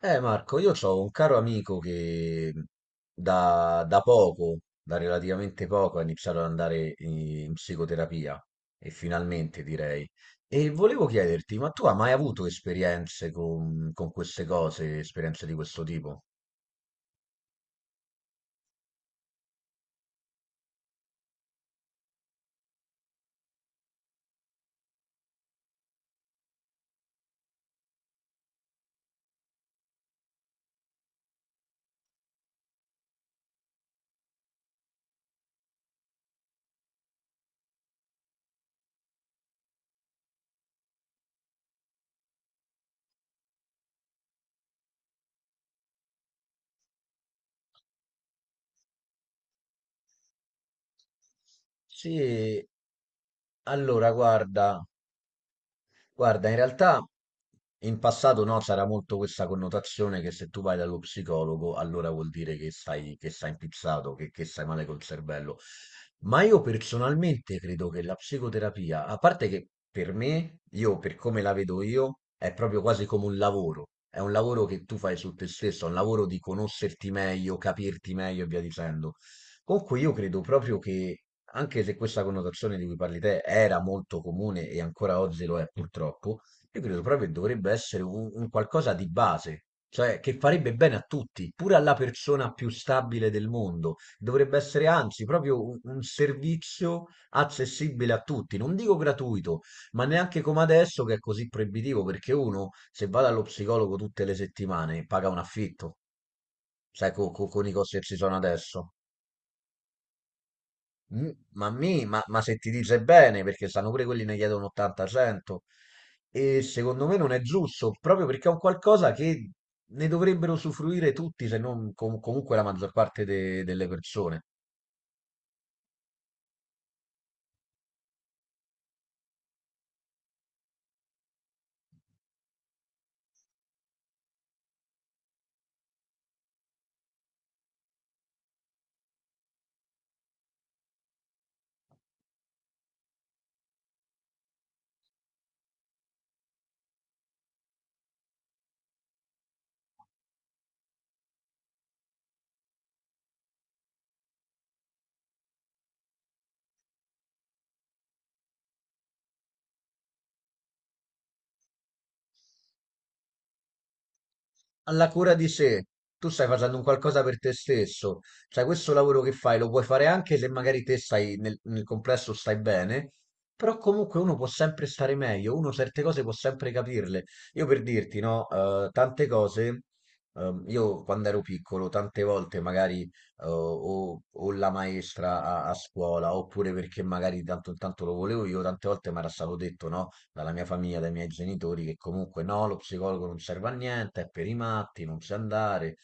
Marco, io ho un caro amico che da relativamente poco, ha iniziato ad andare in psicoterapia e finalmente direi. E volevo chiederti, ma tu hai mai avuto esperienze con queste cose, esperienze di questo tipo? Sì, allora guarda, Guarda, in realtà in passato no, c'era molto questa connotazione che se tu vai dallo psicologo allora vuol dire che stai impizzato, che stai male col cervello. Ma io personalmente credo che la psicoterapia, a parte che per me, io per come la vedo io, è proprio quasi come un lavoro. È un lavoro che tu fai su te stesso, è un lavoro di conoscerti meglio, capirti meglio e via dicendo. Con cui io credo proprio che anche se questa connotazione di cui parli te era molto comune e ancora oggi lo è purtroppo, io credo proprio che dovrebbe essere un qualcosa di base, cioè che farebbe bene a tutti, pure alla persona più stabile del mondo. Dovrebbe essere anzi proprio un servizio accessibile a tutti, non dico gratuito, ma neanche come adesso che è così proibitivo, perché uno se va dallo psicologo tutte le settimane paga un affitto, sai, con i costi che ci sono adesso. Ma se ti dice bene, perché sanno pure quelli ne chiedono 80-100, e secondo me non è giusto, proprio perché è un qualcosa che ne dovrebbero usufruire tutti, se non comunque la maggior parte delle persone. Alla cura di sé. Tu stai facendo un qualcosa per te stesso, cioè questo lavoro che fai lo puoi fare anche se magari te stai nel complesso stai bene, però comunque uno può sempre stare meglio, uno certe cose può sempre capirle. Io per dirti, no, tante cose, io quando ero piccolo, tante volte magari o la maestra a scuola, oppure perché magari tanto intanto lo volevo io, tante volte mi era stato detto, no? Dalla mia famiglia, dai miei genitori, che comunque no, lo psicologo non serve a niente, è per i matti, non sa andare,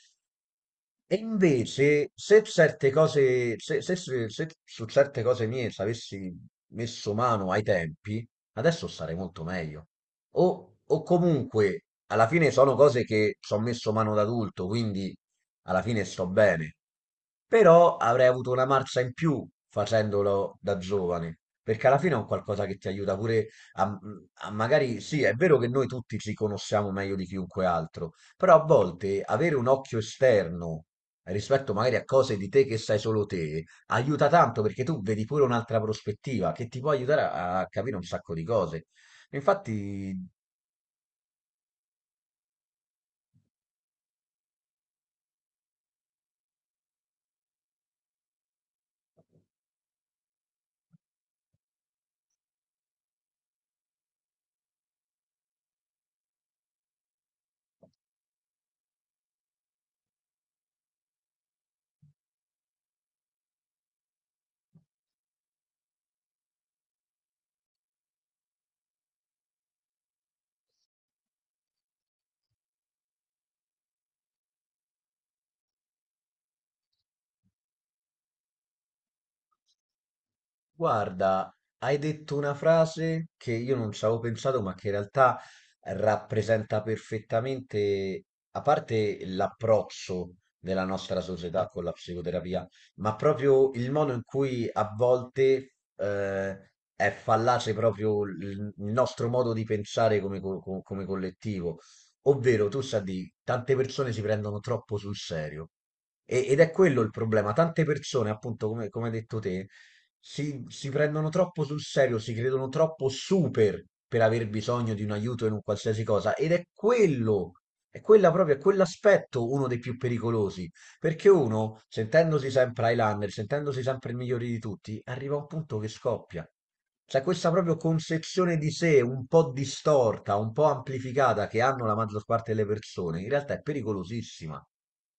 e invece, se certe cose, se su certe cose mie ci avessi messo mano ai tempi, adesso sarei molto meglio. O comunque, alla fine sono cose che ci ho messo mano da adulto, quindi alla fine sto bene. Però avrei avuto una marcia in più facendolo da giovane, perché alla fine è un qualcosa che ti aiuta pure a, a magari, sì, è vero che noi tutti ci conosciamo meglio di chiunque altro, però a volte avere un occhio esterno rispetto magari a cose di te che sai solo te, aiuta tanto perché tu vedi pure un'altra prospettiva che ti può aiutare a capire un sacco di cose. Infatti, guarda, hai detto una frase che io non ci avevo pensato, ma che in realtà rappresenta perfettamente, a parte l'approccio della nostra società con la psicoterapia, ma proprio il modo in cui a volte è fallace proprio il nostro modo di pensare come, come collettivo. Ovvero, tu sai, di tante persone si prendono troppo sul serio. Ed è quello il problema. Tante persone, appunto, come hai detto te, si prendono troppo sul serio, si credono troppo super per aver bisogno di un aiuto in un qualsiasi cosa. Ed è quello, è quella proprio, è quell'aspetto uno dei più pericolosi. Perché uno, sentendosi sempre Highlander, sentendosi sempre il migliore di tutti, arriva a un punto che scoppia. C'è questa proprio concezione di sé un po' distorta, un po' amplificata che hanno la maggior parte delle persone, in realtà è pericolosissima.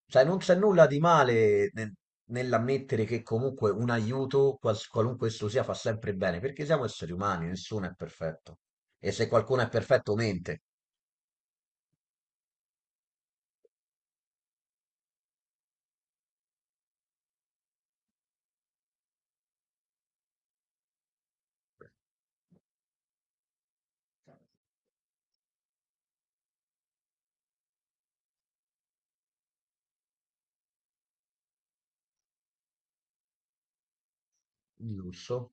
Cioè, non c'è nulla di male nell'ammettere che comunque un aiuto, qualunque esso sia, fa sempre bene, perché siamo esseri umani, nessuno è perfetto. E se qualcuno è perfetto, mente. Il lusso?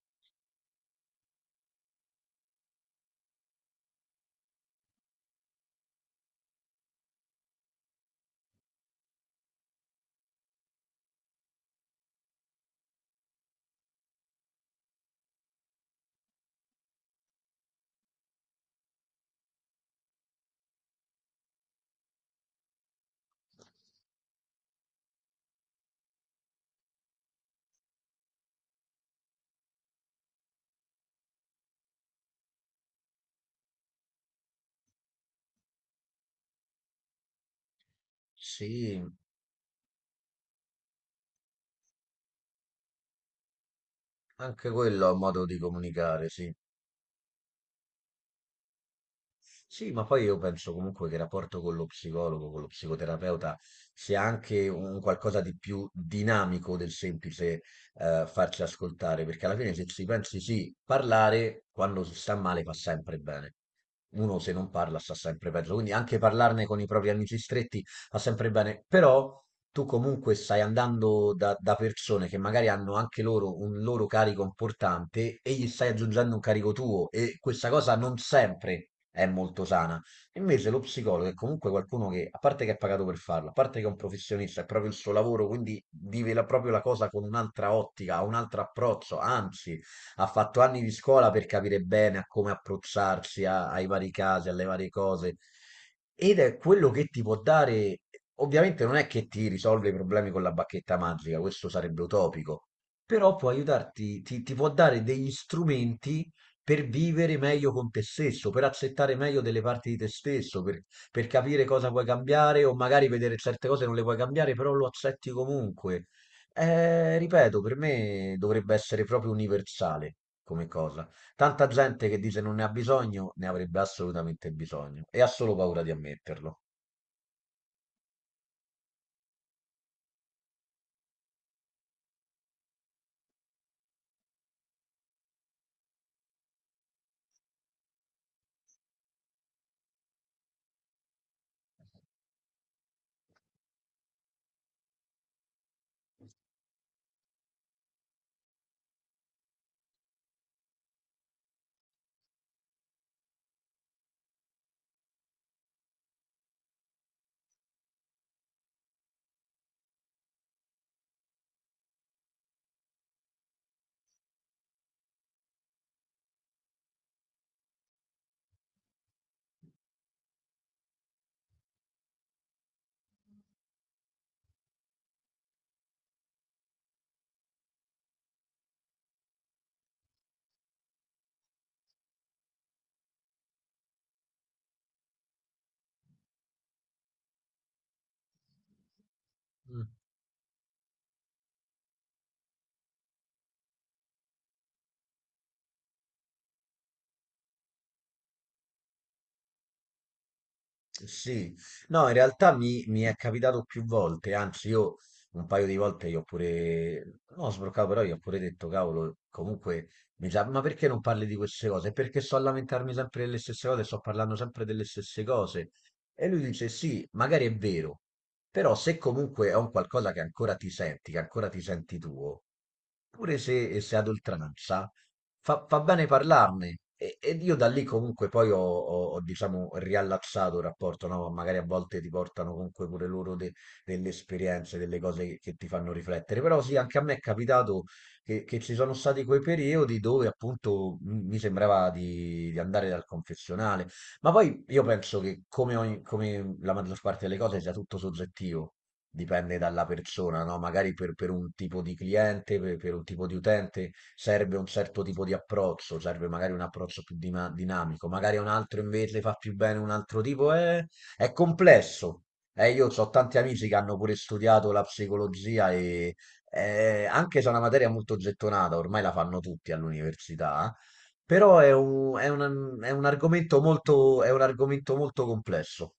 Sì, anche quello è un modo di comunicare, sì. Sì, ma poi io penso comunque che il rapporto con lo psicologo, con lo psicoterapeuta, sia anche un qualcosa di più dinamico del semplice farci ascoltare, perché alla fine se ci pensi sì, parlare quando si sta male fa sempre bene. Uno se non parla sta sempre peggio, quindi anche parlarne con i propri amici stretti va sempre bene, però tu comunque stai andando da persone che magari hanno anche loro un loro carico importante e gli stai aggiungendo un carico tuo e questa cosa non sempre è molto sana. Invece lo psicologo è comunque qualcuno che, a parte che è pagato per farlo, a parte che è un professionista, è proprio il suo lavoro, quindi vive proprio la cosa con un'altra ottica, ha un altro approccio, anzi ha fatto anni di scuola per capire bene a come approcciarsi ai vari casi, alle varie cose. Ed è quello che ti può dare, ovviamente non è che ti risolve i problemi con la bacchetta magica, questo sarebbe utopico, però può aiutarti, ti può dare degli strumenti per vivere meglio con te stesso, per accettare meglio delle parti di te stesso, per capire cosa puoi cambiare o magari vedere certe cose non le puoi cambiare, però lo accetti comunque. Ripeto, per me dovrebbe essere proprio universale come cosa. Tanta gente che dice non ne ha bisogno, ne avrebbe assolutamente bisogno e ha solo paura di ammetterlo. Mm. Sì, no, in realtà mi è capitato più volte, anzi io un paio di volte io ho pure, no, sbroccato, però io ho pure detto, cavolo, comunque, mi sa, ma perché non parli di queste cose? Perché sto a lamentarmi sempre delle stesse cose, sto parlando sempre delle stesse cose. E lui dice, sì, magari è vero. Però se comunque è un qualcosa che ancora ti senti, che ancora ti senti tuo, pure se, se ad oltranza, fa bene parlarne. Ed io da lì comunque poi diciamo, riallacciato il rapporto, no? Magari a volte ti portano comunque pure loro delle esperienze, delle cose che ti fanno riflettere. Però sì, anche a me è capitato che ci sono stati quei periodi dove appunto mi sembrava di andare dal confessionale. Ma poi io penso che come, come la maggior parte delle cose sia tutto soggettivo, dipende dalla persona, no? Magari per un tipo di cliente, per un tipo di utente serve un certo tipo di approccio, serve magari un approccio più dinamico, magari a un altro invece fa più bene un altro tipo, è complesso. Io ho tanti amici che hanno pure studiato la psicologia e anche se è una materia molto gettonata, ormai la fanno tutti all'università però è è un argomento è un argomento molto complesso.